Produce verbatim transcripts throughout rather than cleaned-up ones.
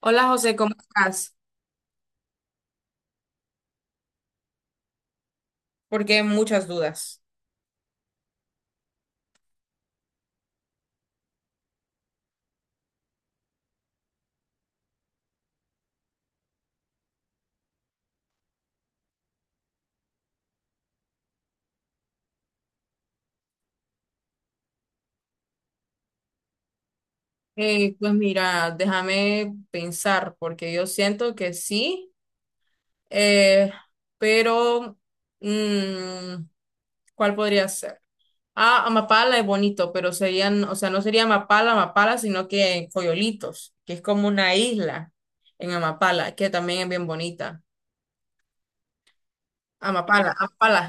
Hola José, ¿cómo estás? Porque muchas dudas. Eh, pues mira, déjame pensar, porque yo siento que sí, eh, pero mm, ¿cuál podría ser? Ah, Amapala es bonito, pero serían, o sea, no sería Amapala, Amapala, sino que en Coyolitos, que es como una isla en Amapala, que también es bien bonita. Amapala, Amapala,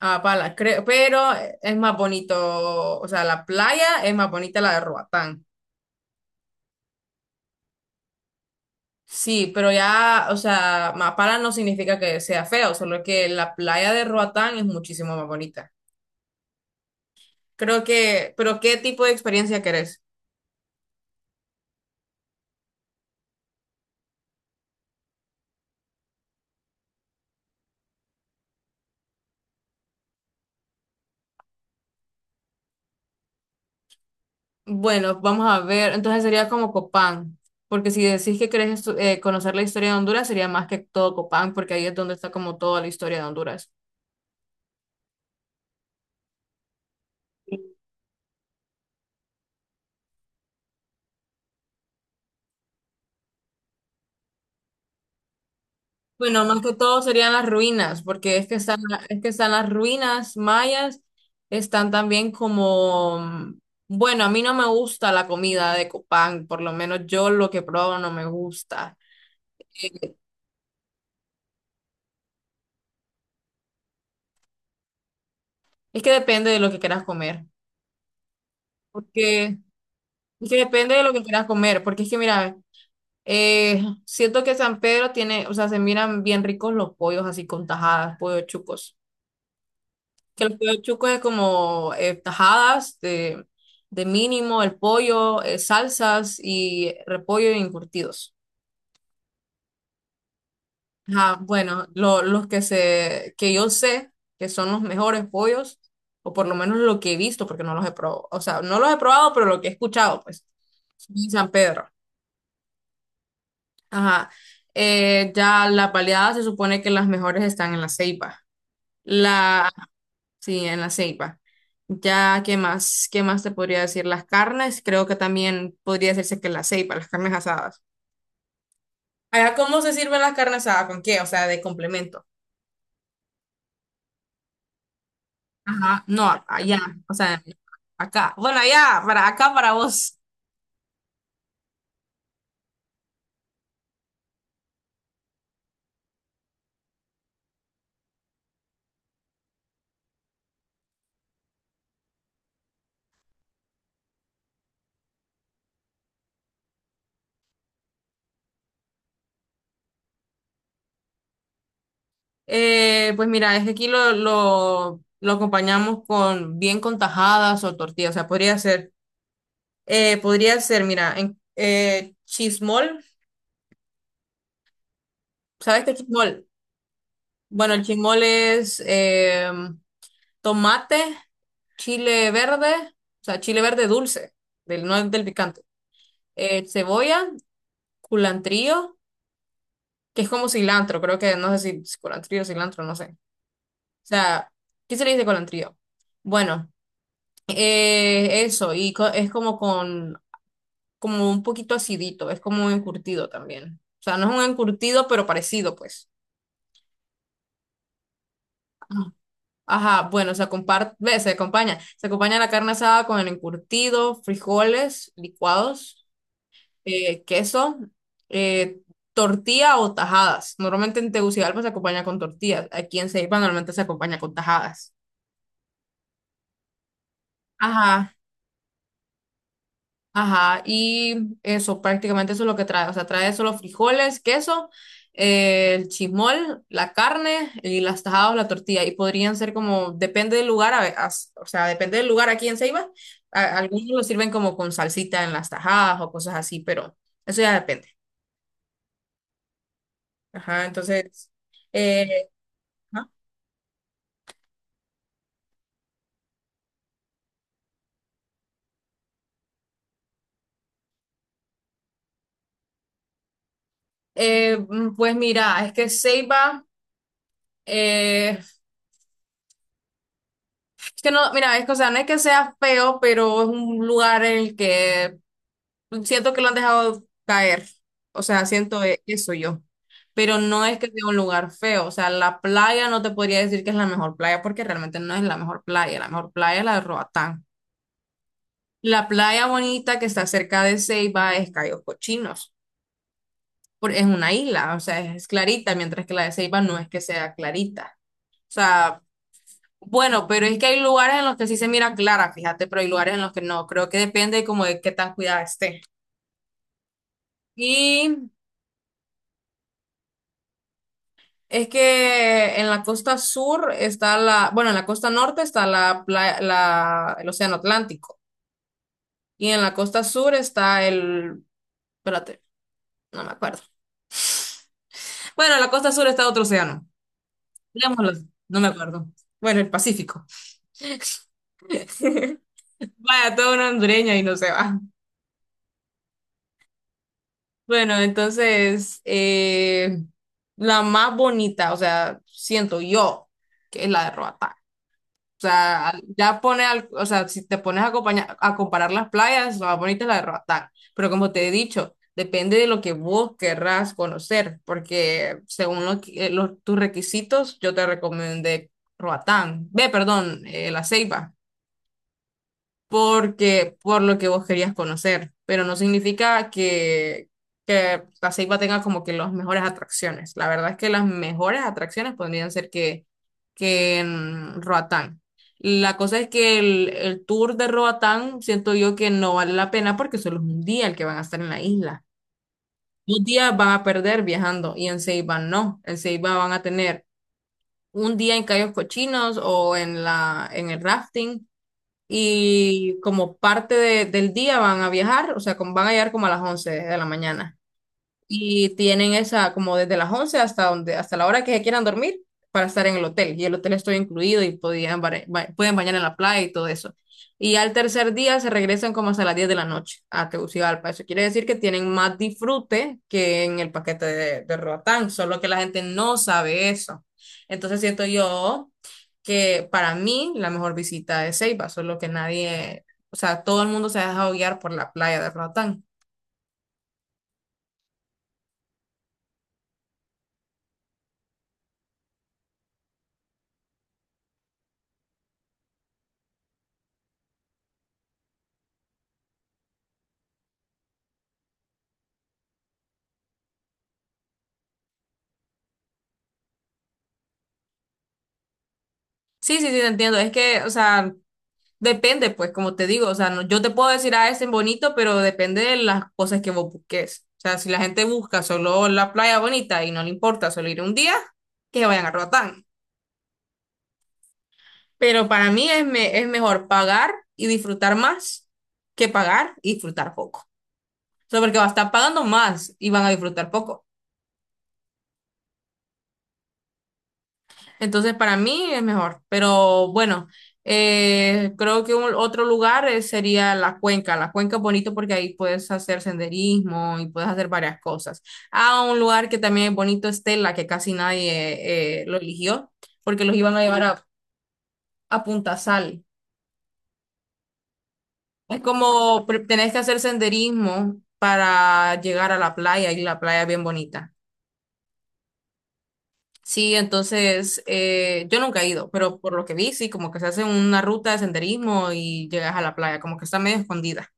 Amapala, creo, pero es más bonito, o sea, la playa es más bonita la de Roatán. Sí, pero ya, o sea, Mapala no significa que sea feo, solo que la playa de Roatán es muchísimo más bonita. Creo que, pero ¿qué tipo de experiencia querés? Bueno, vamos a ver, entonces sería como Copán, porque si decís que querés estu- eh, conocer la historia de Honduras, sería más que todo Copán, porque ahí es donde está como toda la historia de Honduras. Bueno, más que todo serían las ruinas, porque es que están, es que están las ruinas mayas, están también como, mm, bueno, a mí no me gusta la comida de Copán, por lo menos yo lo que probo no me gusta. Eh, Es que depende de lo que quieras comer, porque es que depende de lo que quieras comer, porque es que mira, eh, siento que San Pedro tiene, o sea, se miran bien ricos los pollos así con tajadas, pollos chucos. Que los pollo chucos es como eh, tajadas de, de mínimo, el pollo, eh, salsas y repollo y encurtidos. Ajá, bueno, lo- los que se, que yo sé que son los mejores pollos, o por lo menos lo que he visto, porque no los he probado, o sea, no los he probado, pero lo que he escuchado, pues, en San Pedro. Ajá. Eh, ya la baleadas se supone que las mejores están en la Ceiba. Sí, en la ceiba. Ya, ¿qué más? ¿Qué más te podría decir? Las carnes, creo que también podría decirse que en la ceiba, las carnes asadas. Allá, ¿cómo se sirven las carnes asadas? ¿Con qué? O sea, de complemento. Ajá, no, allá, o sea, acá. Bueno, allá, para acá, para vos. Eh, pues mira, es que aquí lo, lo, lo acompañamos con bien con tajadas o tortillas. O sea, podría ser, eh, podría ser, mira, en, eh, chismol. ¿Sabes qué es chismol? Bueno, el chismol es, em, tomate, chile verde, o sea, chile verde dulce, del, no del picante, eh, cebolla, culantrío, que es como cilantro, creo que no sé si es culantrío, cilantro, no sé. O sea, ¿qué se le dice culantrío? Bueno, eh, eso, y co- es como con, como un poquito acidito, es como un encurtido también. O sea, no es un encurtido, pero parecido, pues. Ajá, bueno, se comparte, se acompaña. Se acompaña la carne asada con el encurtido, frijoles licuados, eh, queso, eh, tortilla o tajadas. Normalmente en Tegucigalpa se acompaña con tortillas. Aquí en Ceiba normalmente se acompaña con tajadas. Ajá, ajá. Y eso, prácticamente eso es lo que trae. O sea, trae solo frijoles, queso, eh, el chismol, la carne y las tajadas o la tortilla. Y podrían ser como, depende del lugar, a ve- as- o sea, depende del lugar aquí en Ceiba. A- algunos lo sirven como con salsita en las tajadas o cosas así, pero eso ya depende. Ajá, entonces, eh, Eh, mm, pues mira, es que Ceiba, eh, es que no, mira, es que, o sea, no es que sea feo, pero es un lugar en el que siento que lo han dejado caer. O sea, siento e- eso yo. Pero no es que sea un lugar feo. O sea, la playa no te podría decir que es la mejor playa porque realmente no es la mejor playa. La mejor playa es la de Roatán. La playa bonita que está cerca de Ceiba es Cayos Cochinos. por- Es una isla, o sea, es clarita, mientras que la de Ceiba no es que sea clarita. O sea, bueno, pero es que hay lugares en los que sí se mira clara, fíjate, pero hay lugares en los que no. Creo que depende como de qué tan cuidada esté. Y es que en la costa sur está la, bueno, en la costa norte está la, playa- la, el Océano Atlántico. Y en la costa sur está el, espérate, no me acuerdo. Bueno, en la costa sur está otro océano. Digámoslo, no me acuerdo. Bueno, el Pacífico. Vaya, toda una hondureña y no se va. Bueno, entonces, eh, la más bonita, o sea, siento yo que es la de Roatán. O sea, al- ya pone, al- o sea, si te pones a, acompaña- a comparar las playas, la más bonita es la de Roatán. Pero como te he dicho, depende de lo que vos querrás conocer, porque según lo que- eh, los, tus requisitos, yo te recomendé Roatán. Ve, perdón, eh, La Ceiba porque por lo que vos querías conocer, pero no significa que, que la ceiba tenga como que las mejores atracciones. La verdad es que las mejores atracciones podrían ser que, que en Roatán. La cosa es que el, el tour de Roatán siento yo que no vale la pena porque solo es un día el que van a estar en la isla. Dos días van a perder viajando y en Ceiba no. En Ceiba van a tener un día en Cayos Cochinos o en la, en el rafting y como parte de- del día van a viajar, o sea, como- van a llegar como a las once de la mañana. Y tienen esa como desde las once hasta donde, hasta la hora que se quieran dormir para estar en el hotel. Y el hotel estoy incluido y podían, bare- ba- pueden bañar en la playa y todo eso. Y al tercer día se regresan como hasta las diez de la noche a Tegucigalpa. Eso quiere decir que tienen más disfrute que en el paquete de, de Roatán, solo que la gente no sabe eso. Entonces siento yo que para mí la mejor visita es Ceiba, solo que nadie, o sea, todo el mundo se ha dejado guiar por la playa de Roatán. Sí, sí, sí, te entiendo. Es que, o sea, depende, pues, como te digo, o sea, no- yo te puedo decir, ah, es en bonito, pero depende de las cosas que vos busques. O sea, si la gente busca solo la playa bonita y no le importa solo ir un día, que se vayan a Roatán. Pero para mí es, me- es mejor pagar y disfrutar más que pagar y disfrutar poco. O sea, porque vas a estar pagando más y van a disfrutar poco. Entonces, para mí es mejor. Pero bueno, eh, creo que un- otro lugar eh, sería la cuenca. La cuenca es bonito porque ahí puedes hacer senderismo y puedes hacer varias cosas. Ah, un lugar que también es bonito es Tela, que casi nadie eh, lo eligió porque los iban a llevar a, a Punta Sal. Es como pre- tenés que hacer senderismo para llegar a la playa y la playa es bien bonita. Sí, entonces eh, yo nunca he ido, pero por lo que vi, sí, como que se hace una ruta de senderismo y llegas a la playa, como que está medio escondida.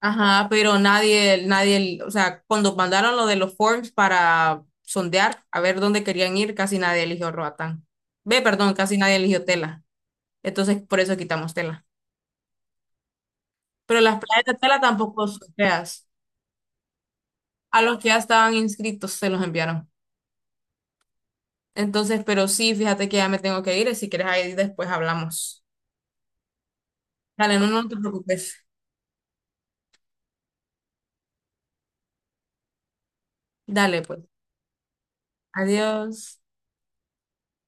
Ajá, pero nadie, nadie, o sea, cuando mandaron lo de los forms para sondear a ver dónde querían ir, casi nadie eligió Roatán. Ve, perdón, casi nadie eligió Tela. Entonces, por eso quitamos Tela. Pero las playas de Tela tampoco son feas. A los que ya estaban inscritos se los enviaron. Entonces, pero sí, fíjate que ya me tengo que ir, y si quieres ahí después hablamos. Dale, no, no te preocupes. Dale, pues. Adiós.